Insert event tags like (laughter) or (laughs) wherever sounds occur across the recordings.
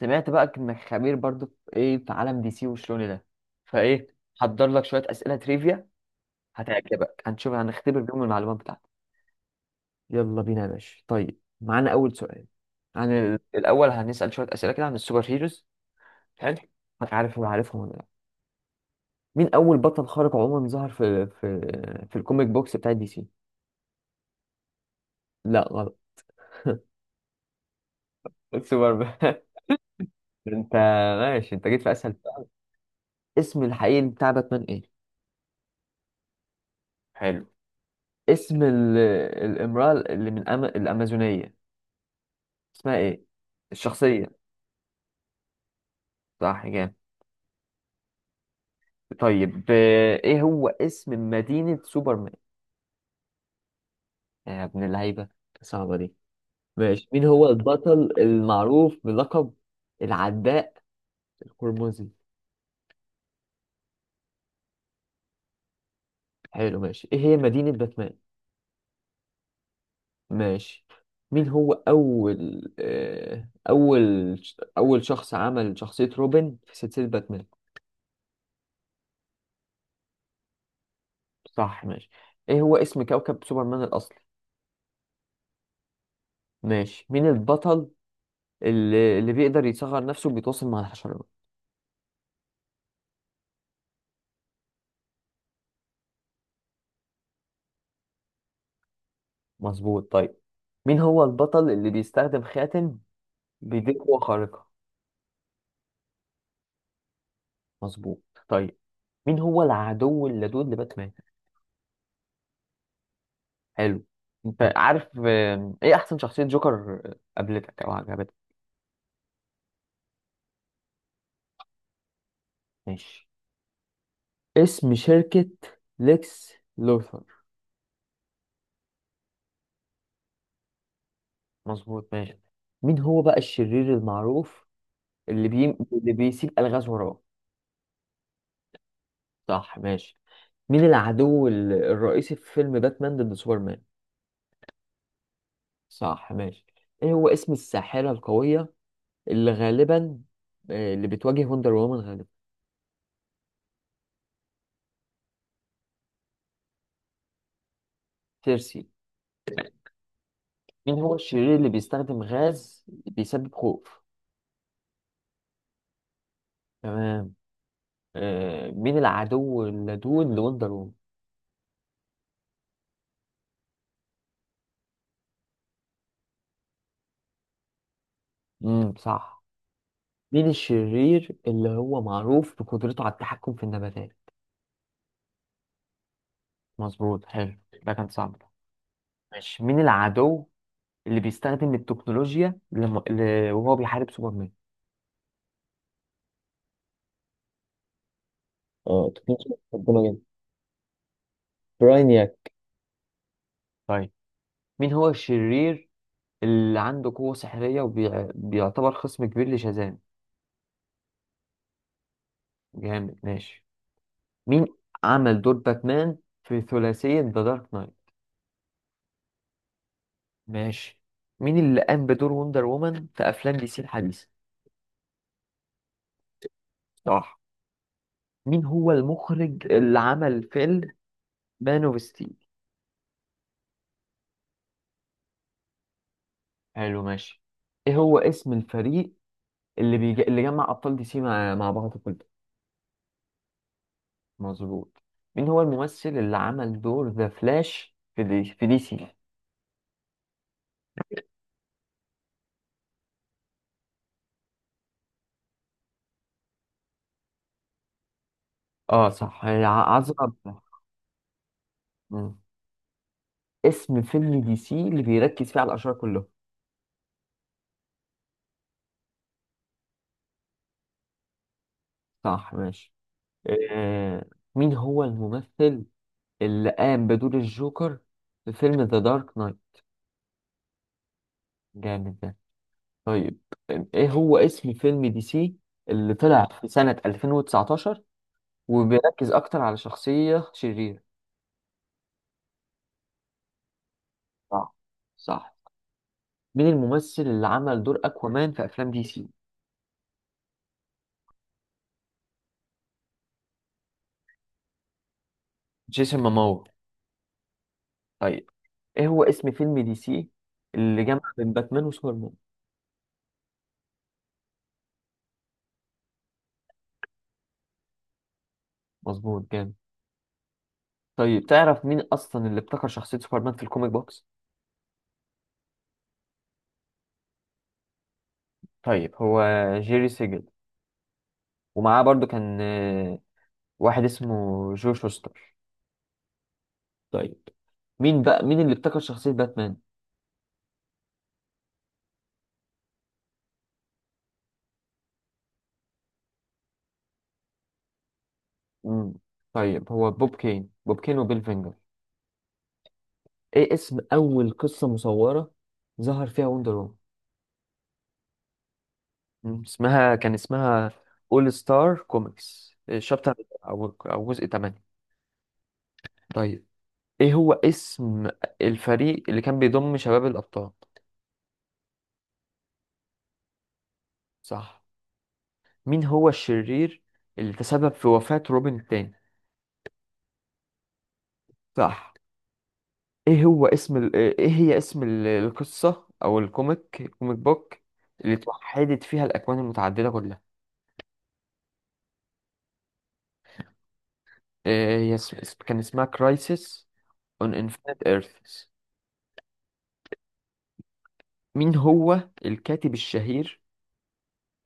سمعت بقى انك خبير برضو في ايه في عالم دي سي وشلون ده فايه. حضر لك شويه اسئله تريفيا هتعجبك. هنشوف هنختبر بيهم المعلومات بتاعتك. يلا بينا يا باشا. طيب معانا اول سؤال عن الاول. هنسال شويه اسئله كده عن السوبر هيروز. حلو. هتعرف ولا عارفهم ولا لا؟ مين اول بطل خارق عموما ظهر في في الكوميك بوكس بتاع دي سي؟ لا غلط. سوبر مان. (laughs) انت ماشي، انت جيت في اسهل. اسم الحقيقي بتاع باتمان ايه؟ حلو. اسم الامرأة اللي من الأمازونية اسمها ايه؟ الشخصية. صح، جامد. طيب، ايه هو اسم مدينة سوبرمان؟ يا ابن اللعيبة، صعبة دي. ماشي، مين هو البطل المعروف بلقب العداء القرمزي؟ حلو ماشي. ايه هي مدينة باتمان؟ ماشي. مين هو أول أول أول شخص عمل شخصية روبن في سلسلة باتمان؟ صح ماشي. ايه هو اسم كوكب سوبرمان الأصلي؟ ماشي. مين البطل اللي بيقدر يصغر نفسه وبيتواصل مع الحشرات؟ مظبوط طيب. مين هو البطل اللي بيستخدم خاتم بيديه قوة خارقة؟ مظبوط. طيب، مين هو العدو اللدود لباتمان؟ حلو. انت عارف، ايه احسن شخصية جوكر قابلتك او عجبتك؟ ماشي. اسم شركة ليكس لوثر؟ مظبوط ماشي. مين هو بقى الشرير المعروف اللي بي... اللي بيسيب الغاز وراه؟ صح ماشي. مين العدو الرئيسي في فيلم باتمان ضد سوبرمان؟ صح ماشي. ايه هو اسم الساحرة القوية اللي غالبا، اللي بتواجه وندر وومن غالبا؟ سيرسي. مين هو الشرير اللي بيستخدم غاز بيسبب خوف؟ تمام. مين العدو اللدود لوندر وومن؟ صح. مين الشرير اللي هو معروف بقدرته على التحكم في النباتات؟ مظبوط حلو، ده كان صعب ده. ماشي، مين العدو اللي بيستخدم التكنولوجيا لم... ل... وهو بيحارب سوبرمان؟ اه تكنيسيا ربنا جدا. براينياك. طيب، مين هو الشرير اللي عنده قوة سحرية وبيعتبر خصم كبير لشازام؟ جامد ماشي. مين عمل دور باتمان في ثلاثية ذا دارك نايت؟ ماشي. مين اللي قام بدور وندر وومن في أفلام دي سي الحديثة؟ صح. مين هو المخرج اللي عمل فيلم مان اوف ستيل؟ حلو ماشي. ايه هو اسم الفريق اللي جمع أبطال دي سي مع بعض كلهم؟ مظبوط. مين هو الممثل اللي عمل دور ذا فلاش في دي سي؟ اه صح، عذرا. مم. اسم فيلم دي سي اللي بيركز فيه على الأشرار كلهم؟ صح ماشي. آه. مين هو الممثل اللي قام بدور الجوكر في فيلم ذا دارك نايت؟ جامد ده. طيب، ايه هو اسم فيلم دي سي اللي طلع في سنة 2019 وبيركز اكتر على شخصية شريرة؟ صح. صح. مين الممثل اللي عمل دور اكوامان في افلام دي سي؟ جيسون ماموا. طيب، ايه هو اسم فيلم دي سي اللي جمع بين باتمان وسوبرمان؟ مظبوط جامد. طيب، تعرف مين اصلا اللي ابتكر شخصية سوبرمان في الكوميك بوكس؟ طيب هو جيري سيجل، ومعاه برضو كان واحد اسمه جو شوستر. طيب، مين بقى اللي ابتكر شخصية باتمان؟ مم. طيب هو بوب كين، بوب كين وبيل فينجر. ايه اسم اول قصة مصورة ظهر فيها وندر وومن؟ مم. كان اسمها اول ستار كوميكس شابتر، او جزء 8. طيب، ايه هو اسم الفريق اللي كان بيضم شباب الابطال؟ صح. مين هو الشرير اللي تسبب في وفاة روبن التاني؟ صح. ايه هو اسم ايه هي اسم القصة او الكوميك بوك اللي توحدت فيها الاكوان المتعددة كلها؟ إيه هي كان اسمها كرايسيس اون انفينيت ايرث. مين هو الكاتب الشهير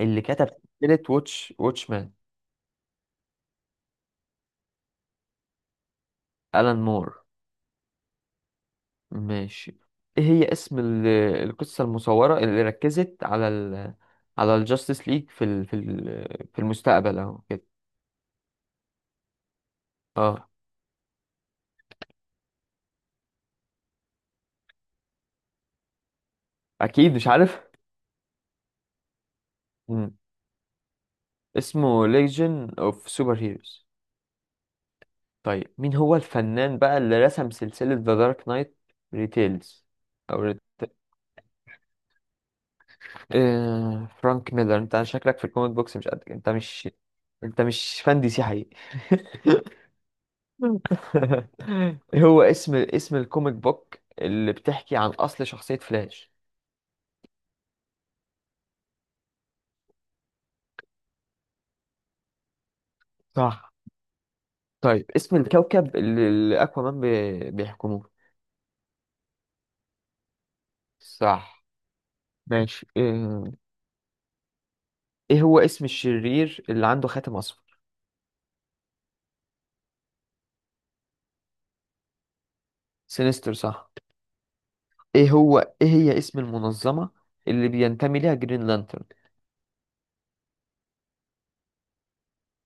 اللي كتب سلسلة واتشمان؟ ألان مور. ماشي. ايه هي اسم القصة المصورة اللي ركزت على ال، على الجاستس ليج في ال في ال في المستقبل اهو كده؟ اه. اكيد مش عارف. مم. اسمه ليجن اوف سوبر هيروز. طيب، مين هو الفنان بقى اللي رسم سلسلة ذا دارك نايت ريتيلز؟ او ريت... آه... فرانك ميلر. انت شكلك في الكوميك بوكس مش قد، انت مش فان دي سي حقيقي. (laughs) (laughs) هو اسم الكوميك بوك اللي بتحكي عن أصل شخصية فلاش؟ صح. طيب، اسم الكوكب اللي أكوامان بيحكموه؟ صح ماشي. إيه، إيه هو اسم الشرير اللي عنده خاتم أصفر؟ سينستر، صح. إيه هو، إيه هي اسم المنظمة اللي بينتمي ليها جرين لانترن؟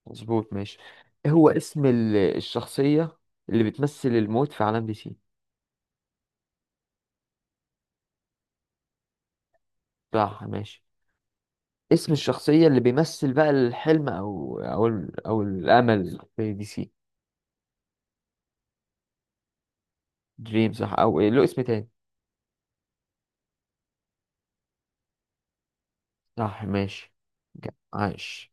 مظبوط ماشي. إيه هو اسم الشخصية اللي بتمثل الموت في عالم دي سي؟ صح ماشي. اسم الشخصية اللي بيمثل بقى الحلم أو أو الأمل في دي سي؟ دريم، صح. أو إيه له اسم تاني؟ صح ماشي. جا- عاش.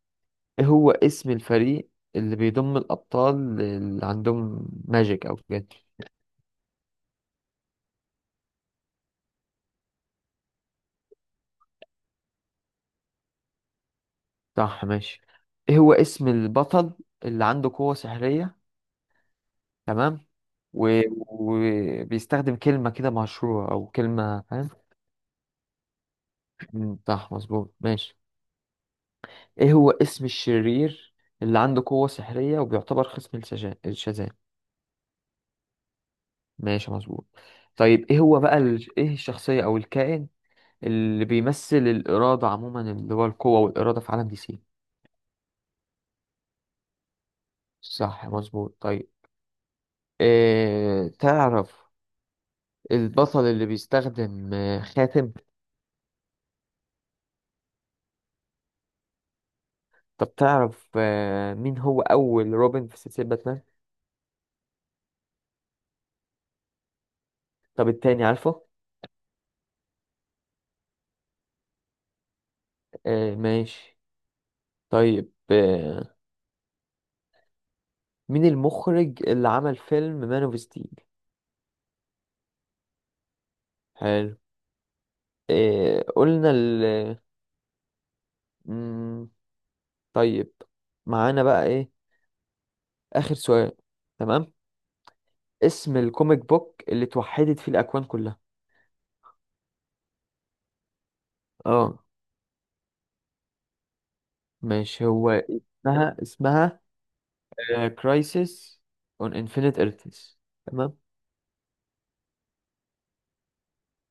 إيه هو اسم الفريق اللي بيضم الأبطال اللي عندهم ماجيك أو كده؟ صح ماشي. إيه هو اسم البطل اللي عنده قوة سحرية؟ تمام. وبيستخدم كلمة كده مشهورة أو كلمة، فاهم؟ مم، صح مظبوط ماشي. ايه هو اسم الشرير اللي عنده قوة سحرية وبيعتبر خصم الشاذان؟ ماشي مظبوط. طيب، ايه هو بقى ايه الشخصية او الكائن اللي بيمثل الإرادة عموما، اللي هو القوة والإرادة في عالم دي سي؟ صح مظبوط. طيب، إيه تعرف البطل اللي بيستخدم خاتم؟ طب تعرف مين هو أول روبن في سلسلة باتمان؟ طب التاني عارفه؟ ماشي. طيب مين المخرج اللي عمل فيلم مان اوف ستيل؟ إيه قلنا ال، مم، طيب معانا بقى ايه اخر سؤال. تمام. اسم الكوميك بوك اللي اتوحدت فيه الاكوان كلها؟ اه ماشي، هو اسمها كرايسيس اون انفينيت ايرثز. تمام.